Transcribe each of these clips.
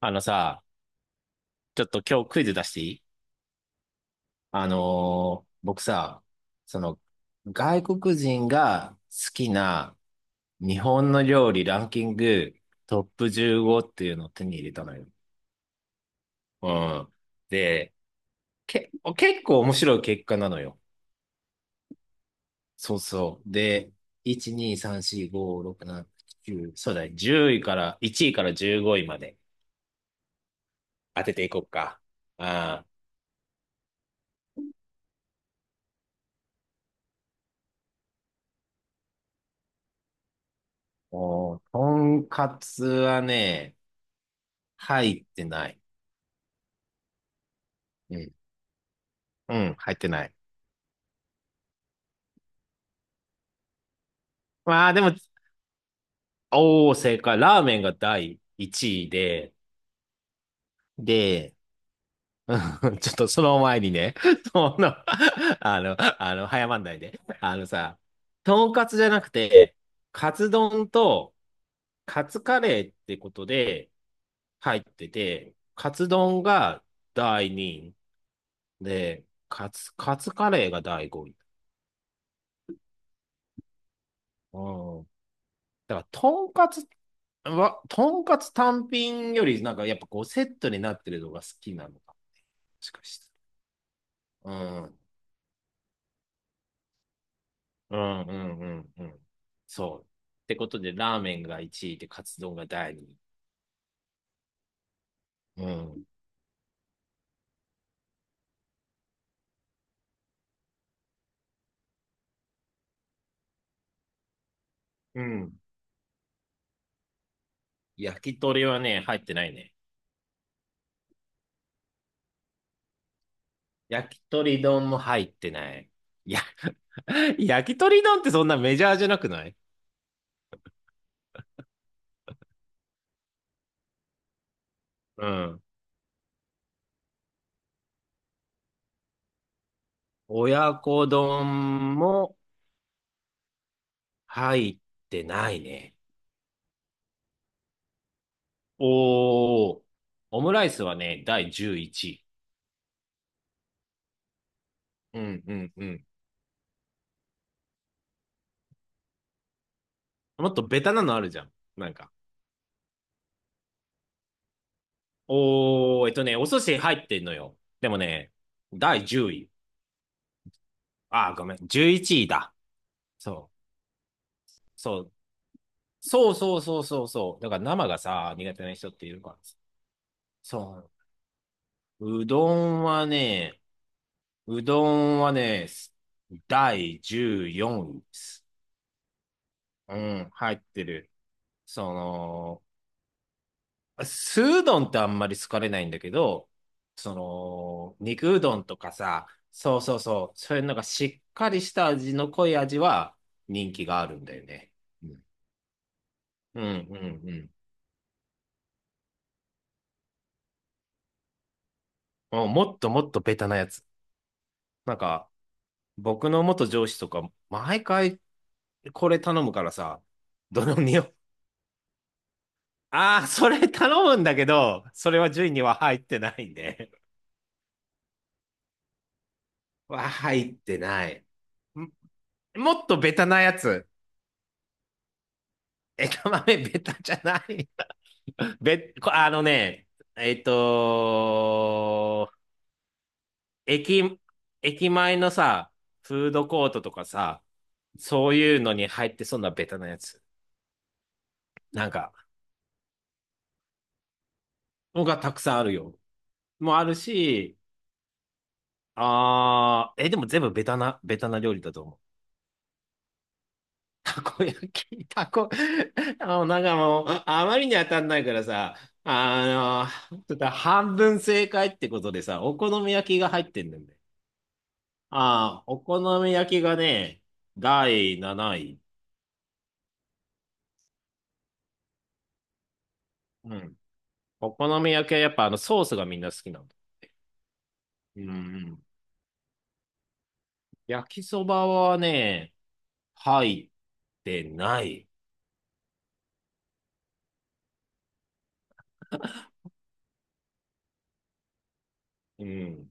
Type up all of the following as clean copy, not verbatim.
あのさ、ちょっと今日クイズ出していい？僕さ、その、外国人が好きな日本の料理ランキングトップ15っていうのを手に入れたのよ。うん。で、け、結構面白い結果なのよ。そうそう。で、1、2、3、4、5、6、7、9、そうだね。10位から、1位から15位まで当てていこうか。ああ。もう、とんかつはね、入ってない。うん。うん、入ってない。まあ、でも、おー、正解。ラーメンが第1位で、で、うん、ちょっとその前にね、その、あの、早まんないで。あのさ、とんかつじゃなくて、カツ丼とカツカレーってことで入ってて、カツ丼が第2位で、カツカレーが第5位。うん、だから、とんかつは、とんかつ単品より、なんかやっぱこうセットになってるのが好きなのか、もしかして。うん。うんうんうんうん。そう。ってことで、ラーメンが1位で、カツ丼が第二位。うん。うん。焼き鳥はね、入ってないね。焼き鳥丼も入ってない。いや、焼き鳥丼ってそんなメジャーじゃなくない？うん。親子丼も入ってないね。おー、オムライスはね、第11位。ういちうんうんうん。位もっとベタなのあるじゃん。なんか。おー、えっとね、お寿司入ってんのよ。でもね、第10位。あー、ごめん、11位だ。そう、そう、そうそうそうそうそう。だから生がさ、苦手な人っているからさ。そう。うどんはね、第14位です。うん、入ってる。その、酢うどんってあんまり好かれないんだけど、その、肉うどんとかさ、そうそうそう、そういうのがしっかりした味の濃い味は人気があるんだよね。うんうんうんうん。もっともっとベタなやつ。なんか、僕の元上司とか、毎回これ頼むからさ、どの匂お、ああ、それ頼むんだけど、それは順位には入ってないんで。は入ってない。ん、もっとベタなやつ。枝豆ベタじゃない？あのね、えっと、駅、駅前のさ、フードコートとかさ、そういうのに入ってそうなベタなやつ。なんか、のがたくさんあるよ。もあるし、あー、え、でも全部ベタな料理だと思う。たこ焼き、たこ、あの、なんかもう、あまりに当たんないからさ、あの、ちょっと半分正解ってことでさ、お好み焼きが入ってんだよね。ああ、お好み焼きがね、第7位。うん。お好み焼きはやっぱあのソースがみんな好きなの。うんうん。焼きそばはね、入ってない。うん。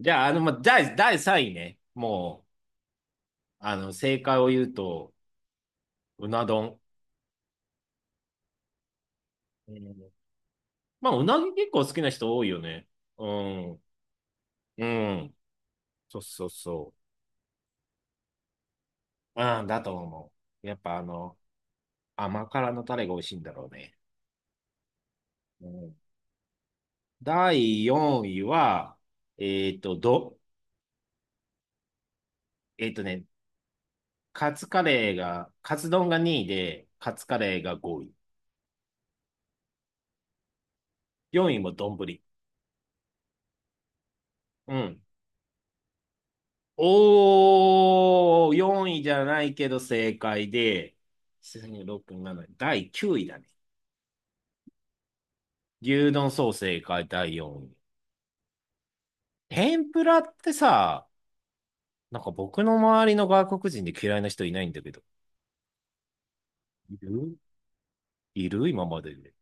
じゃあ、あの、ま、第3位ね。もう、あの、正解を言うと、うな丼。うん。まあ、うなぎ結構好きな人多いよね。うん。うん。そうそうそう。うん、だと思う。やっぱあの、甘辛のタレが美味しいんだろうね。うん、第4位は、えっと、えっとね、カツ丼が2位で、カツカレーが5位。4位も丼。うん。おー、4位じゃないけど正解で、6、7、第9位だね。牛丼そう正解第4位。天ぷらってさ、なんか僕の周りの外国人で嫌いな人いないんだけど。いるいる今までで。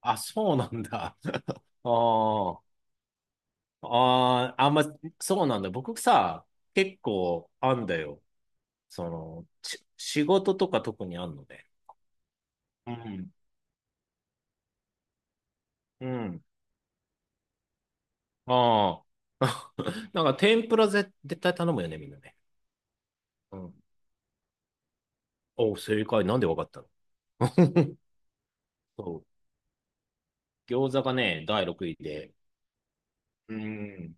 あ、そうなんだ。ああ。ああ、あんま、そうなんだ。僕さ、結構あんだよ。その、仕事とか特にあんのね。うん。うん。ああ。なんか天ぷら絶対頼むよね、みんなね。うん。お、正解。なんでわかったの？ そう。餃子がね、第6位で。うん。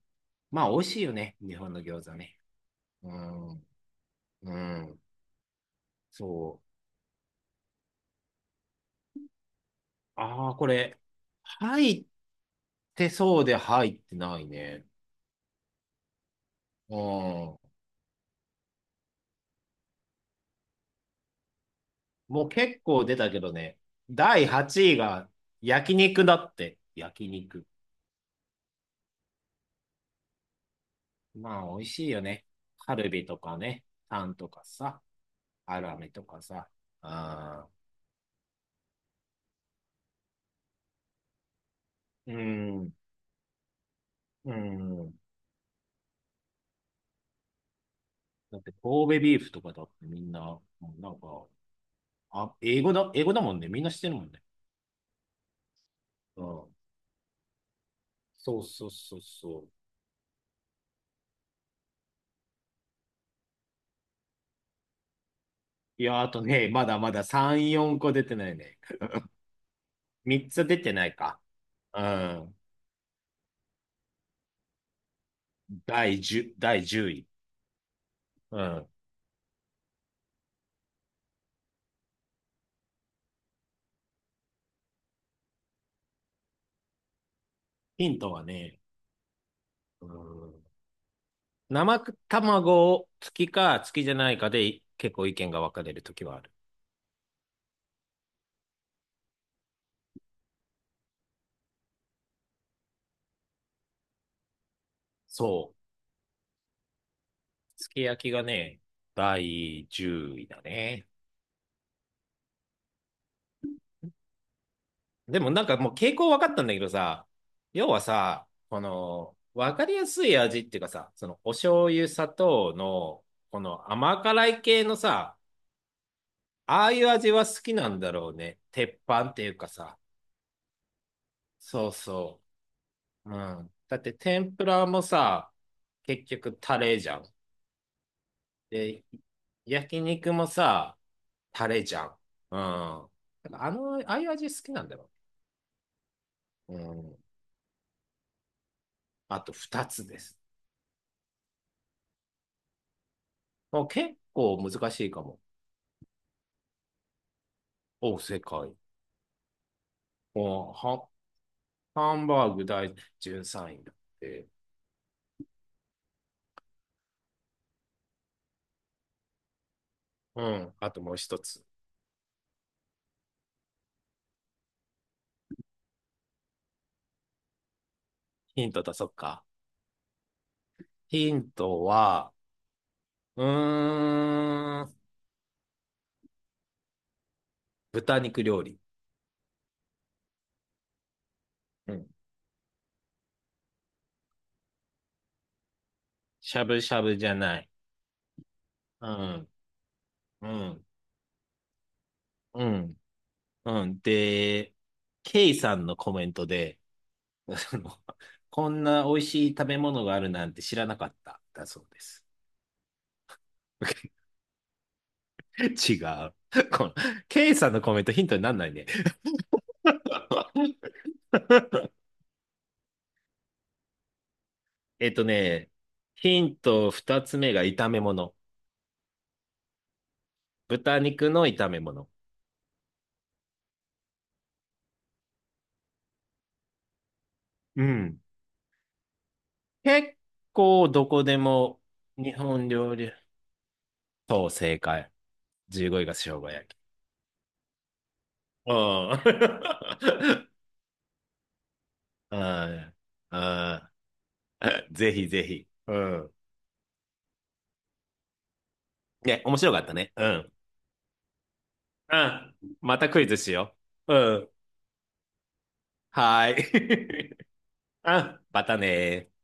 まあ、美味しいよね。日本の餃子ね。うん。うん。そう。ああ、これ、入ってそうで入ってないね。うん。もう結構出たけどね、第8位が焼肉だって。焼肉。まあ、美味しいよね。カルビとかね、タンとかさ、アラメとかさ。あー、うん、うん。だって神戸ビーフとかだってみんな、もうなんか、あ、英語だ、英語だもんね。みんな知ってるもんね。うん。そうそうそうそう。いや、あとね、まだまだ3、4個出てないね。3つ出てないか。うん。第10位。うん。ヒントはね、うん、生卵付きか付きじゃないかで結構意見が分かれるときはある。そう。すき焼きがね、第10位だね。でもなんかもう傾向分かったんだけどさ、要はさ、この、分かりやすい味っていうかさ、そのお醤油、砂糖の、この甘辛い系のさ、ああいう味は好きなんだろうね。鉄板っていうかさ。そうそう、うん、だって天ぷらもさ、結局タレじゃん。で、焼肉もさ、タレじゃん。うん。だからあの、ああいう味好きなんだよ。うん。あと2つです。もう結構難しいかも。お、世界。もうハンバーグ第13位だって。うん。あともう一つ。ヒント出そっか。ヒントは、うーん、豚肉料理。うん。しゃぶしゃぶじゃない。うん。うん。うん。うん。で、ケイさんのコメントで、その こんな美味しい食べ物があるなんて知らなかった、だそうです。違う。この、ケイさんのコメントヒントになんないね。えっとね、ヒント二つ目が炒め物。豚肉の炒め物。うん。結構どこでも日本料理。そう、正解。15位が生姜焼き。ああ。ああ。あ ぜひぜひ。うん。ね、面白かったね。うん。うん。またクイズしよう、うん。はーい。うん。またねー。